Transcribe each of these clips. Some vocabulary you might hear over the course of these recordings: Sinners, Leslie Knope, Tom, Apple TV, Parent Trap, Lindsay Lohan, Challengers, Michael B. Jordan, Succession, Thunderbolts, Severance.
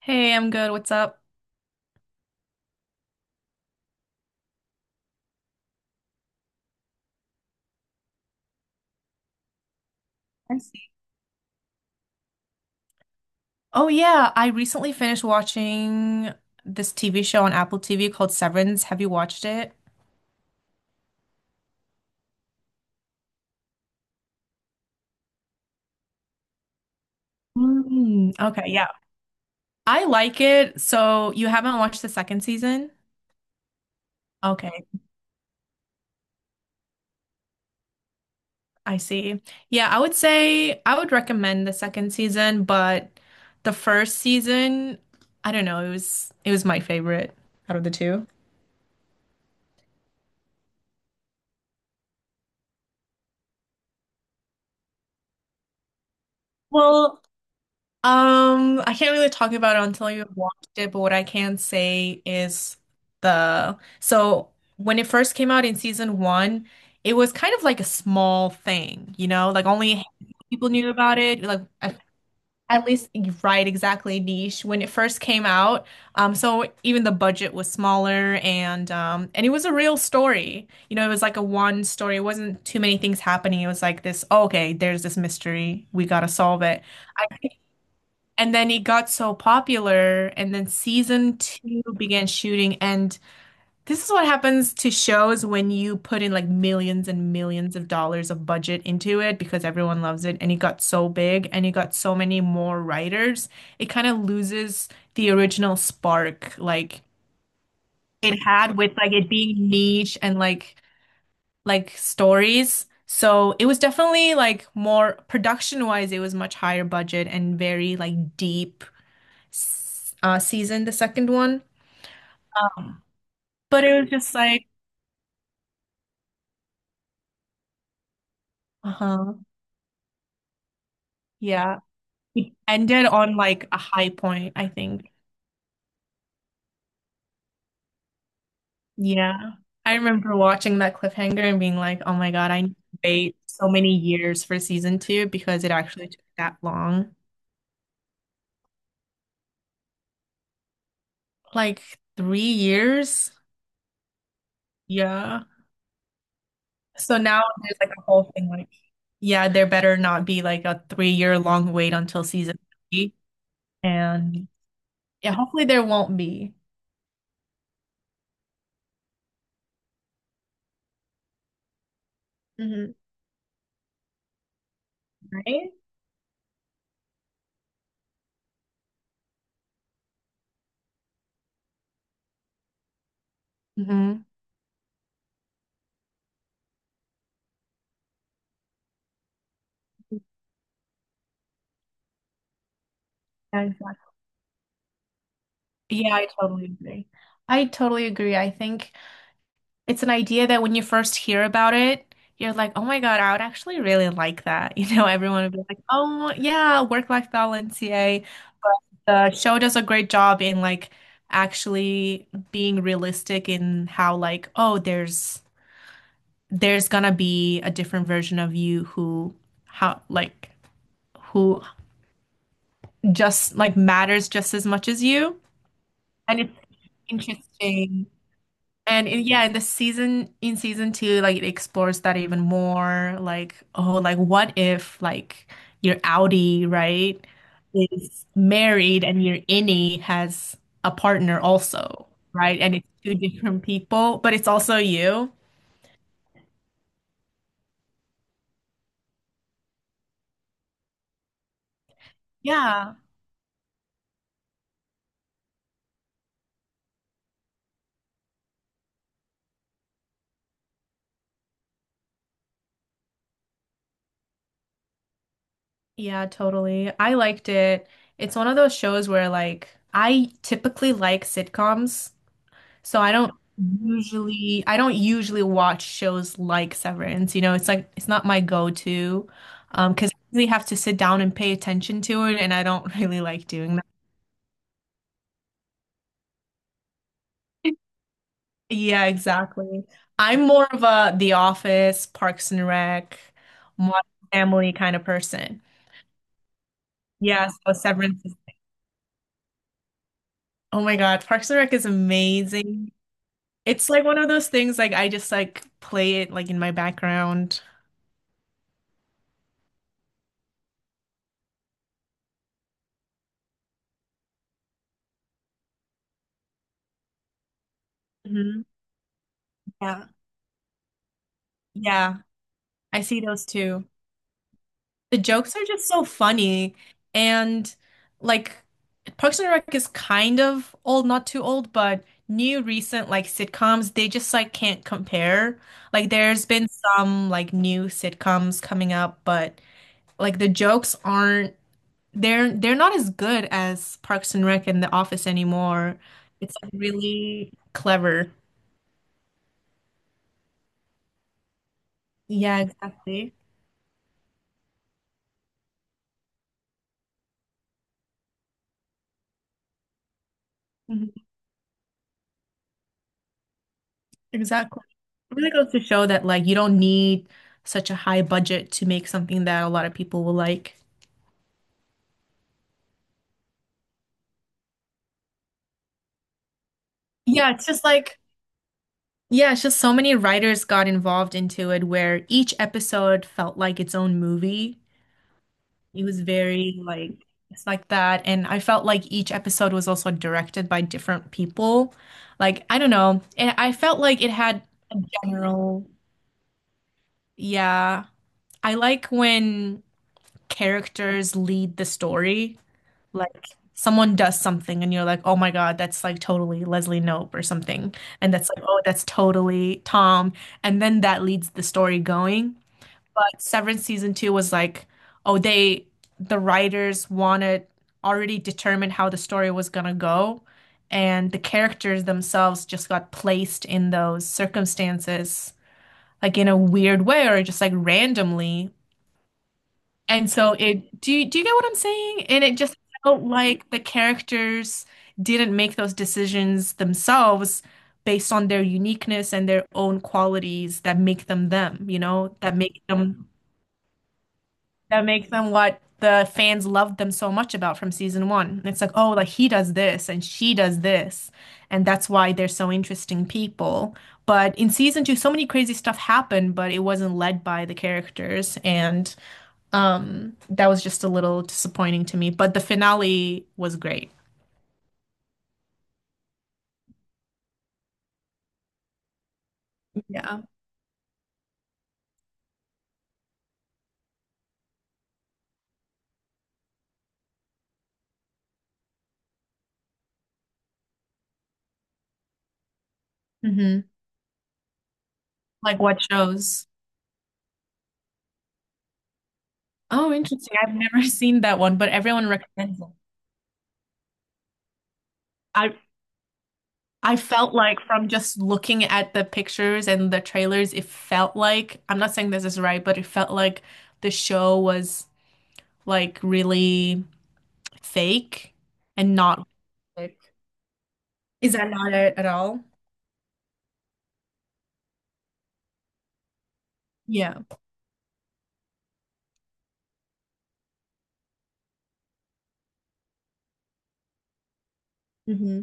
Hey, I'm good. What's up? I see. Oh yeah, I recently finished watching this TV show on Apple TV called Severance. Have you watched it? Mm, okay, yeah. I like it. So you haven't watched the second season? Okay, I see. Yeah, I would say I would recommend the second season, but the first season, I don't know, it was my favorite out of the two. Well, I can't really talk about it until you've watched it, but what I can say is the so when it first came out in season 1, it was kind of like a small thing, you know, like only a handful of people knew about it, like at least right, exactly niche when it first came out. So even the budget was smaller and it was a real story. You know, it was like a one story. It wasn't too many things happening. It was like this, oh, okay, there's this mystery. We gotta solve it. And then it got so popular, and then season 2 began shooting. And this is what happens to shows when you put in like millions and millions of dollars of budget into it because everyone loves it. And it got so big and it got so many more writers. It kind of loses the original spark like it had with like it being niche and like stories. So it was definitely like more production wise, it was much higher budget and very like deep season, the second one. Um, But it was just like, uh-huh, yeah, it ended on like a high point, I think. Yeah. I remember watching that cliffhanger and being like, oh my God, I need to wait so many years for season 2 because it actually took that long. Like 3 years? Yeah. So now there's like a whole thing like, yeah, there better not be like a 3 year long wait until season 3. And yeah, hopefully there won't be. Hmm. Right? Hmm. Yeah, exactly. Yeah, I totally agree. I totally agree. I think it's an idea that when you first hear about it, you're like, oh my God, I would actually really like that. You know, everyone would be like, oh yeah, work-life balance, yay. But the show does a great job in like actually being realistic in how like, oh, there's gonna be a different version of you who how like who just like matters just as much as you. And it's interesting. And in, yeah, in the season 2, like it explores that even more. Like, oh, like what if like your Audi, right, is married and your innie has a partner also, right? And it's two different people, but it's also you. Yeah. Yeah, totally. I liked it. It's one of those shows where like I typically like sitcoms. So I don't usually watch shows like Severance. You know, it's like it's not my go-to because I really have to sit down and pay attention to it and I don't really like doing that. Yeah, exactly. I'm more of a The Office, Parks and Rec, Modern Family kind of person. Yeah, so Severance is, oh my God, Parks and Rec is amazing. It's like one of those things like I just like play it like in my background. Mhm. Yeah. Yeah, I see those too. The jokes are just so funny. And like Parks and Rec is kind of old, not too old, but new recent like sitcoms, they just like can't compare. Like there's been some like new sitcoms coming up, but like the jokes aren't they're not as good as Parks and Rec and The Office anymore. It's like really clever. Yeah, exactly. Mhm. Exactly. It really goes to show that like you don't need such a high budget to make something that a lot of people will like. Yeah, it's just like yeah, it's just so many writers got involved into it where each episode felt like its own movie. It was very like it's like that and I felt like each episode was also directed by different people. Like I don't know, and I felt like it had a general yeah. I like when characters lead the story. Like someone does something and you're like, oh my God, that's like totally Leslie Knope or something. And that's like, oh, that's totally Tom. And then that leads the story going. But Severance season 2 was like, oh, they, the writers wanted already determined how the story was gonna go. And the characters themselves just got placed in those circumstances, like in a weird way or just like randomly and so it do you get what I'm saying? And it just felt like the characters didn't make those decisions themselves based on their uniqueness and their own qualities that make them them, you know, that make them what the fans loved them so much about from season 1. It's like, oh, like he does this and she does this, and that's why they're so interesting people. But in season 2, so many crazy stuff happened, but it wasn't led by the characters and that was just a little disappointing to me, but the finale was great. Yeah. Hmm. Like what shows? Oh, interesting. I've never seen that one, but everyone recommends it. I I felt like from just looking at the pictures and the trailers, it felt like, I'm not saying this is right, but it felt like the show was like really fake and not authentic. Is that not it at all? Yeah. Hmm.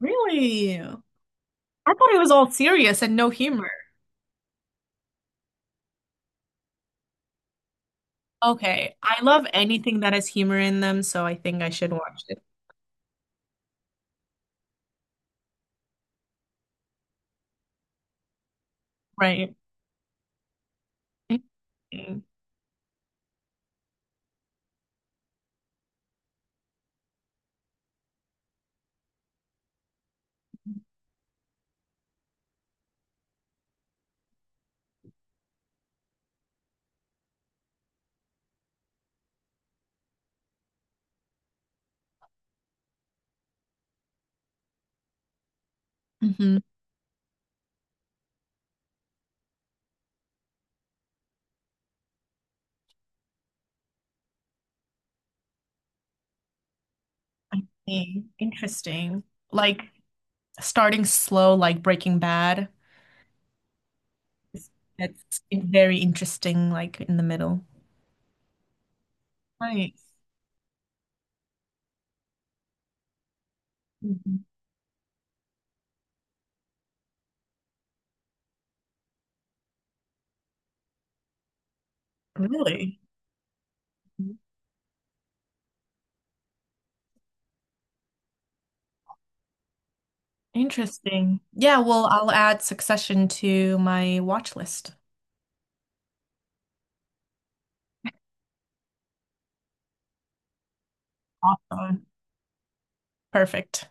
Really? I thought it was all serious and no humor. Okay. I love anything that has humor in them, so I think I should watch it. Right. Interesting. Hmm. Interesting. Like starting slow, like Breaking Bad. That's very interesting, like in the middle. Nice. Mhm. Really? Interesting. Yeah, well, I'll add Succession to my watch list. Awesome. Perfect.